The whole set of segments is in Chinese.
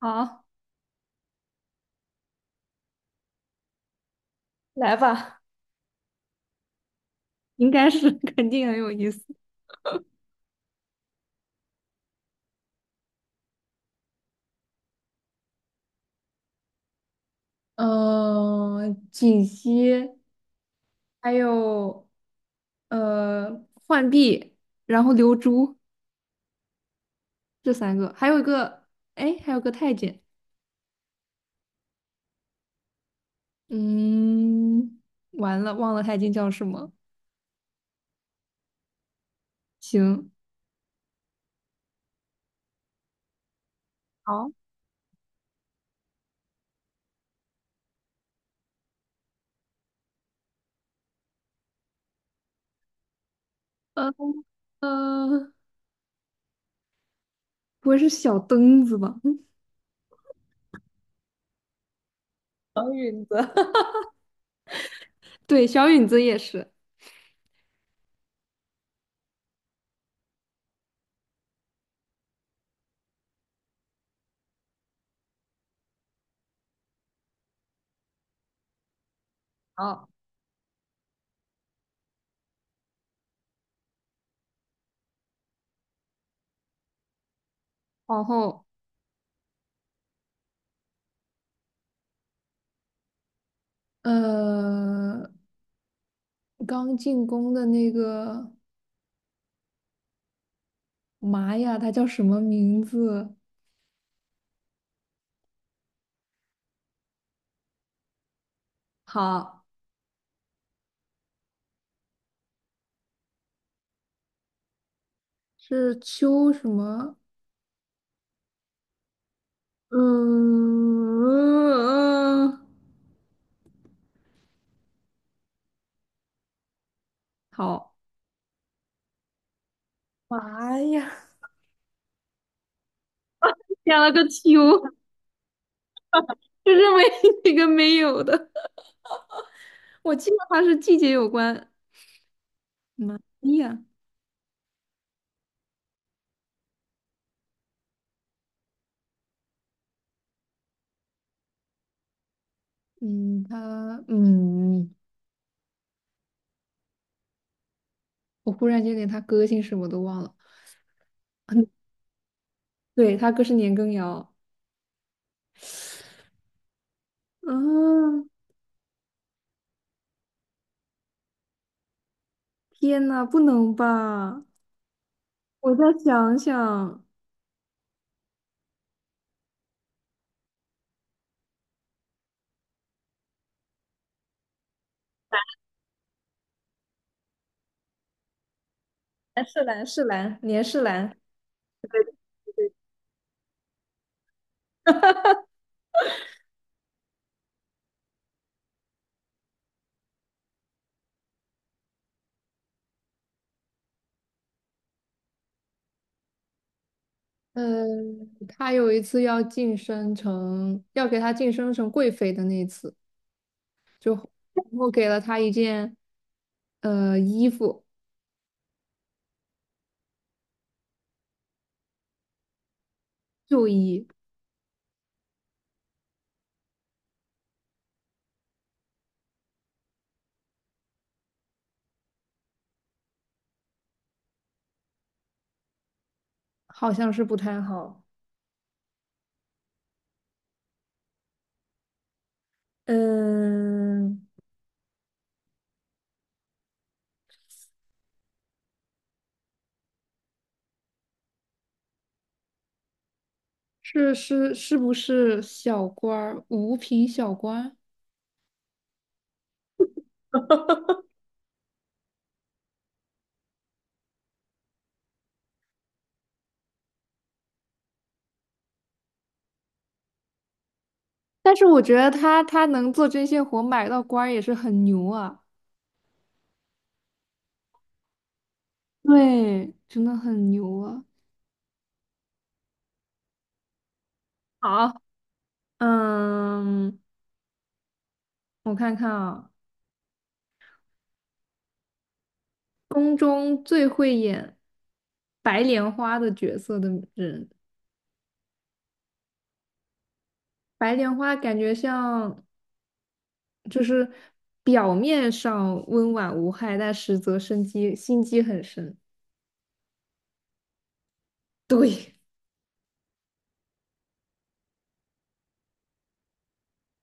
好，来吧。应该是 肯定很有意思。锦溪，还有浣碧，然后流珠，这三个，还有一个，哎，还有个太监。嗯，完了，忘了太监叫什么。行，好，呃呃，不会是小灯子吧？嗯。小允子。对，小允子也是。好，皇后。呃，刚进宫的那个。妈呀，他叫什么名字？好，是秋什么？嗯，好，妈呀，加了个秋，就是没一个没有的。我记得他是季节有关。妈呀，嗯，他嗯，我忽然间连他哥姓什么都忘了。嗯，对，他哥是年羹尧。嗯，天呐，不能吧？我再想想，蓝是蓝是蓝，年是蓝。呃，他有一次要晋升成，要给他晋升成贵妃的那一次，然后给了他一件衣服，旧衣，好像是不太好。嗯，是不是小官儿，五品小官？但是我觉得他能做针线活买到官儿也是很牛啊。对，真的很牛啊。好，嗯，我看看啊。宫中最会演白莲花的角色的人。白莲花感觉像就是表面上温婉无害，但实则生机心机很深。对，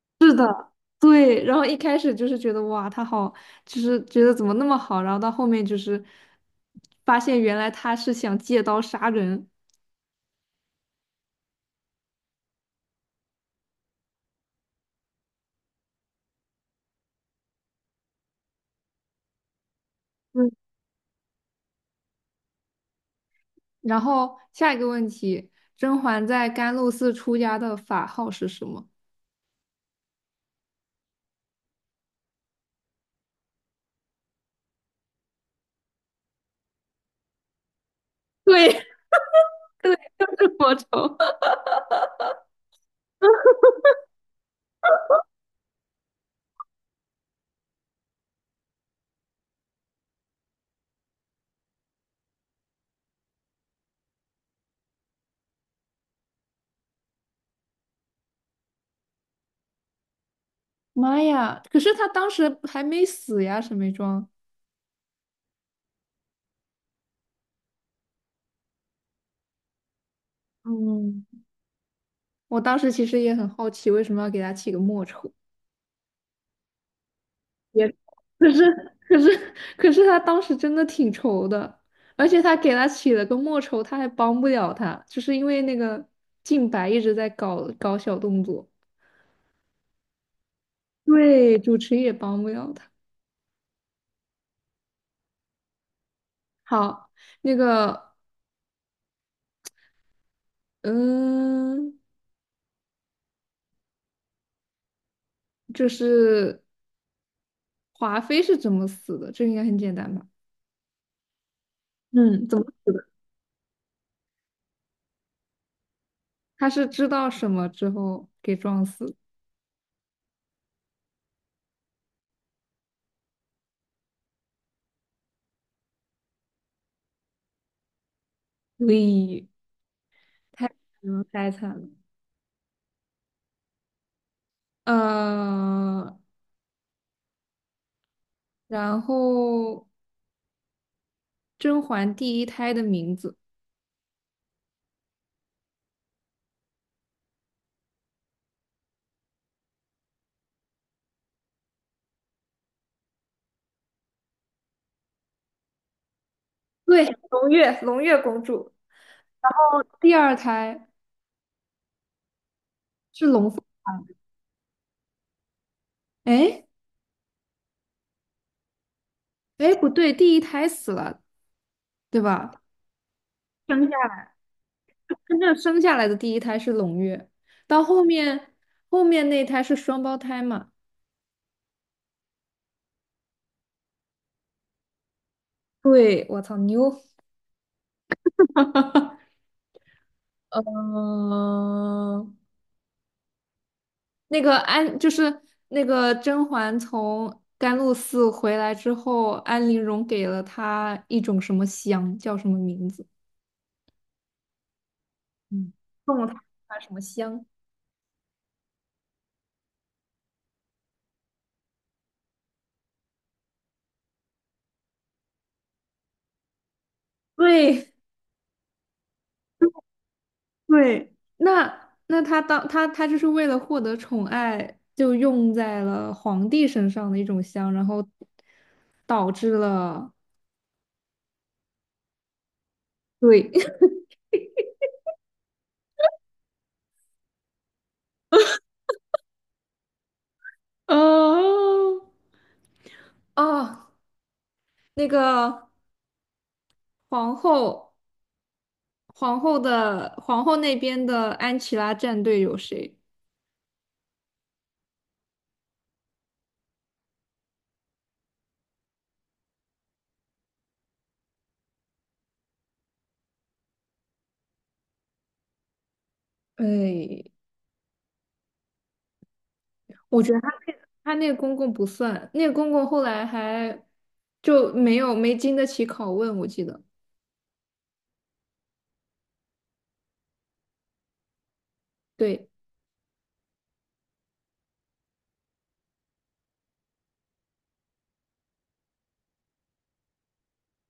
是的，对。然后一开始就是觉得哇，他好，就是觉得怎么那么好，然后到后面就是发现原来他是想借刀杀人。嗯，然后下一个问题，甄嬛在甘露寺出家的法号是什么？对， 对，就是魔咒。妈呀！可是他当时还没死呀，沈眉庄。嗯，我当时其实也很好奇，为什么要给他起个莫愁？也可是，可是，可是他当时真的挺愁的，而且他给他起了个莫愁，他还帮不了他，就是因为那个静白一直在搞小动作。对，主持也帮不了他。好，那个，嗯，就是华妃是怎么死的？这应该很简单吧？嗯，怎么死的？他是知道什么之后给撞死的，喂，太惨了，太惨了。呃，然后甄嬛第一胎的名字，对，胧月，胧月公主，然后第二胎是龙凤胎。哎哎,不对，第一胎死了，对吧？生下来，真正生下来的第一胎是胧月，到后面后面那胎是双胞胎嘛？对，我操，牛！嗯、那个安就是那个甄嬛从甘露寺回来之后，安陵容给了她一种什么香，叫什么名字？嗯，送了她什么香？对对，那那她当她她就是为了获得宠爱，就用在了皇帝身上的一种香，然后导致了对。 哦哦，那个皇后。皇后的皇后那边的安琪拉战队有谁？哎，我觉得他那个公公不算，那个公公后来还就没经得起拷问，我记得。对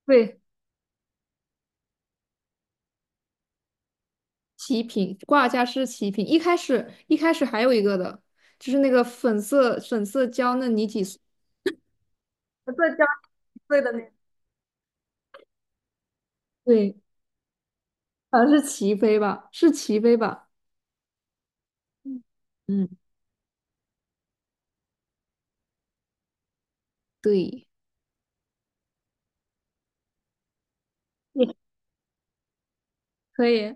对，齐平挂架是齐平，一开始还有一个的，就是那个粉色娇嫩你几岁？粉色娇几岁的那个？对，好像是齐妃吧，是齐妃吧？嗯，嗯对，也可以。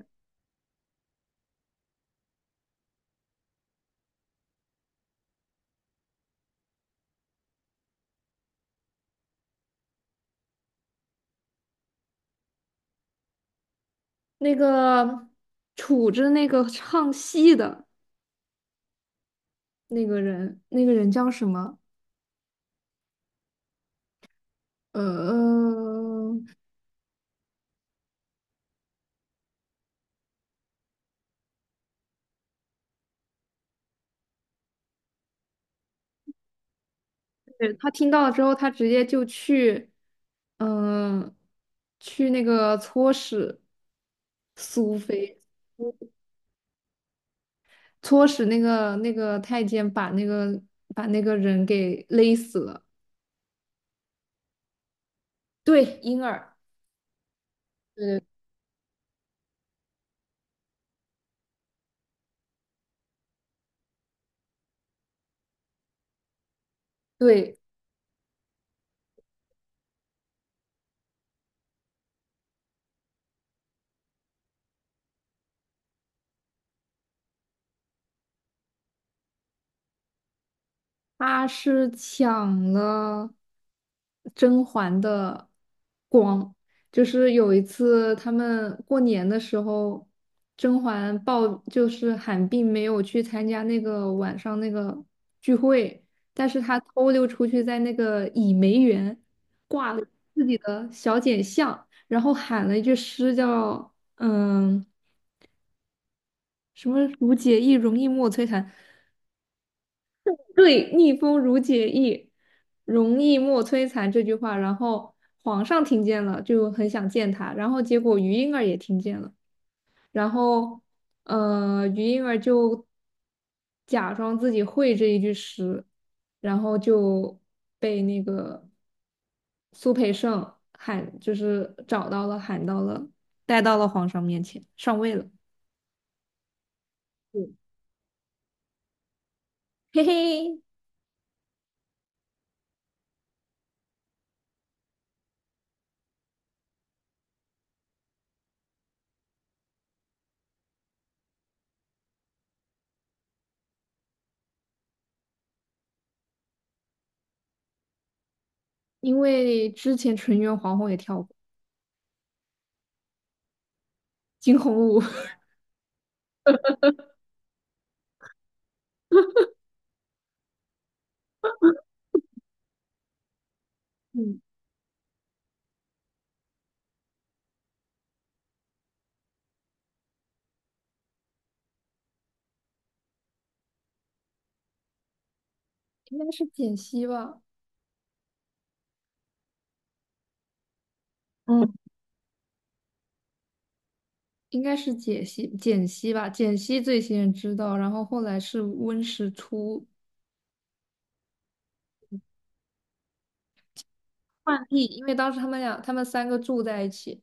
那个杵着那个唱戏的那个人，那个人叫什么？呃，对他听到了之后，他直接就去，嗯、去那个搓使苏菲，搓使那个太监把那个把那个人给勒死了。对，婴儿，对对对。他是抢了甄嬛的光，就是有一次他们过年的时候，甄嬛抱就是喊病没有去参加那个晚上那个聚会，但是她偷溜出去在那个倚梅园自己的小简巷，然后喊了一句诗叫嗯什么"如解意容易莫摧残"，对，逆风如解意，容易莫摧残这句话，然后皇上听见了，就很想见他，然后结果于莺儿也听见了，然后于莺儿就假装自己会这一句诗，然后就被那个苏培盛喊，就是找到了，喊到了，带到了皇上面前，上位了。嗯，嘿嘿，因为之前纯元皇后也跳过惊鸿舞。嗯，应该是简溪吧。嗯，应该是解析简溪吧，简溪最先知道，然后后来是温实初浣碧，因为当时他们三个住在一起。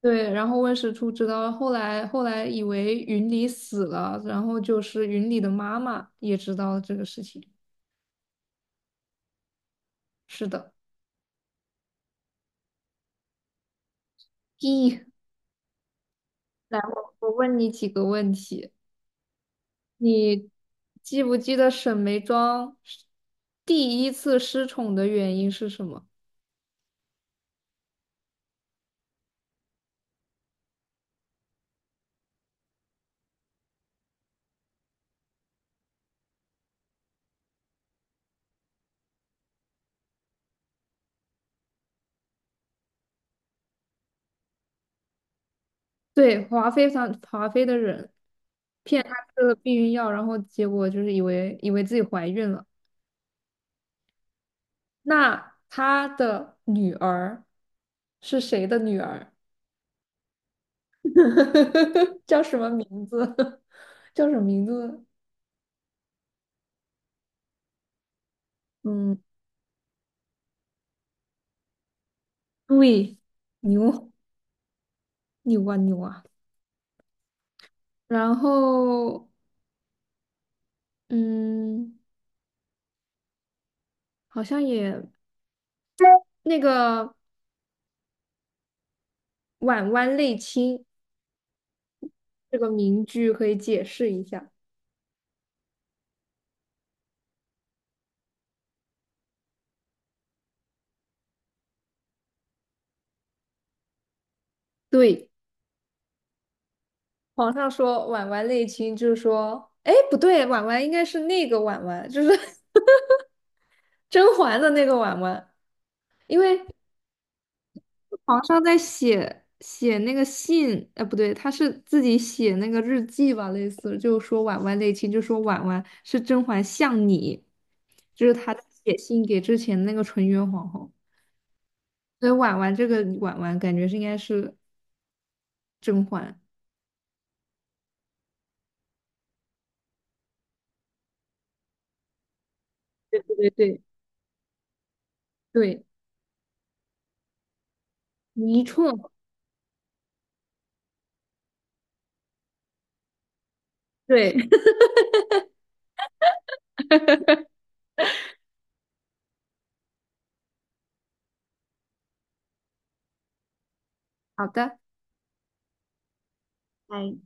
对，然后温实初知道，后来以为云里死了，然后就是云里的妈妈也知道了这个事情。是的，咦，来，我问你几个问题。你记不记得沈眉庄第一次失宠的原因是什么？对，华妃，上华妃的人骗她吃了避孕药，然后结果就是以为自己怀孕了。那她的女儿是谁的女儿？叫什么名字？叫什么名字？嗯，对，牛，牛啊牛啊！然后嗯，好像也那个婉婉类卿这个名句可以解释一下。对。皇上说婉婉内亲，就是说，哎，不对，婉婉应该是那个婉婉，就是 甄嬛的那个婉婉，因为皇上在写那个信，呃，不对，他是自己写那个日记吧，类似就说婉婉内亲，就说婉婉是甄嬛像你，就是他在写信给之前那个纯元皇后，所以婉婉这个婉婉感觉是应该是甄嬛。对对对，对，没错，对。好的。哎，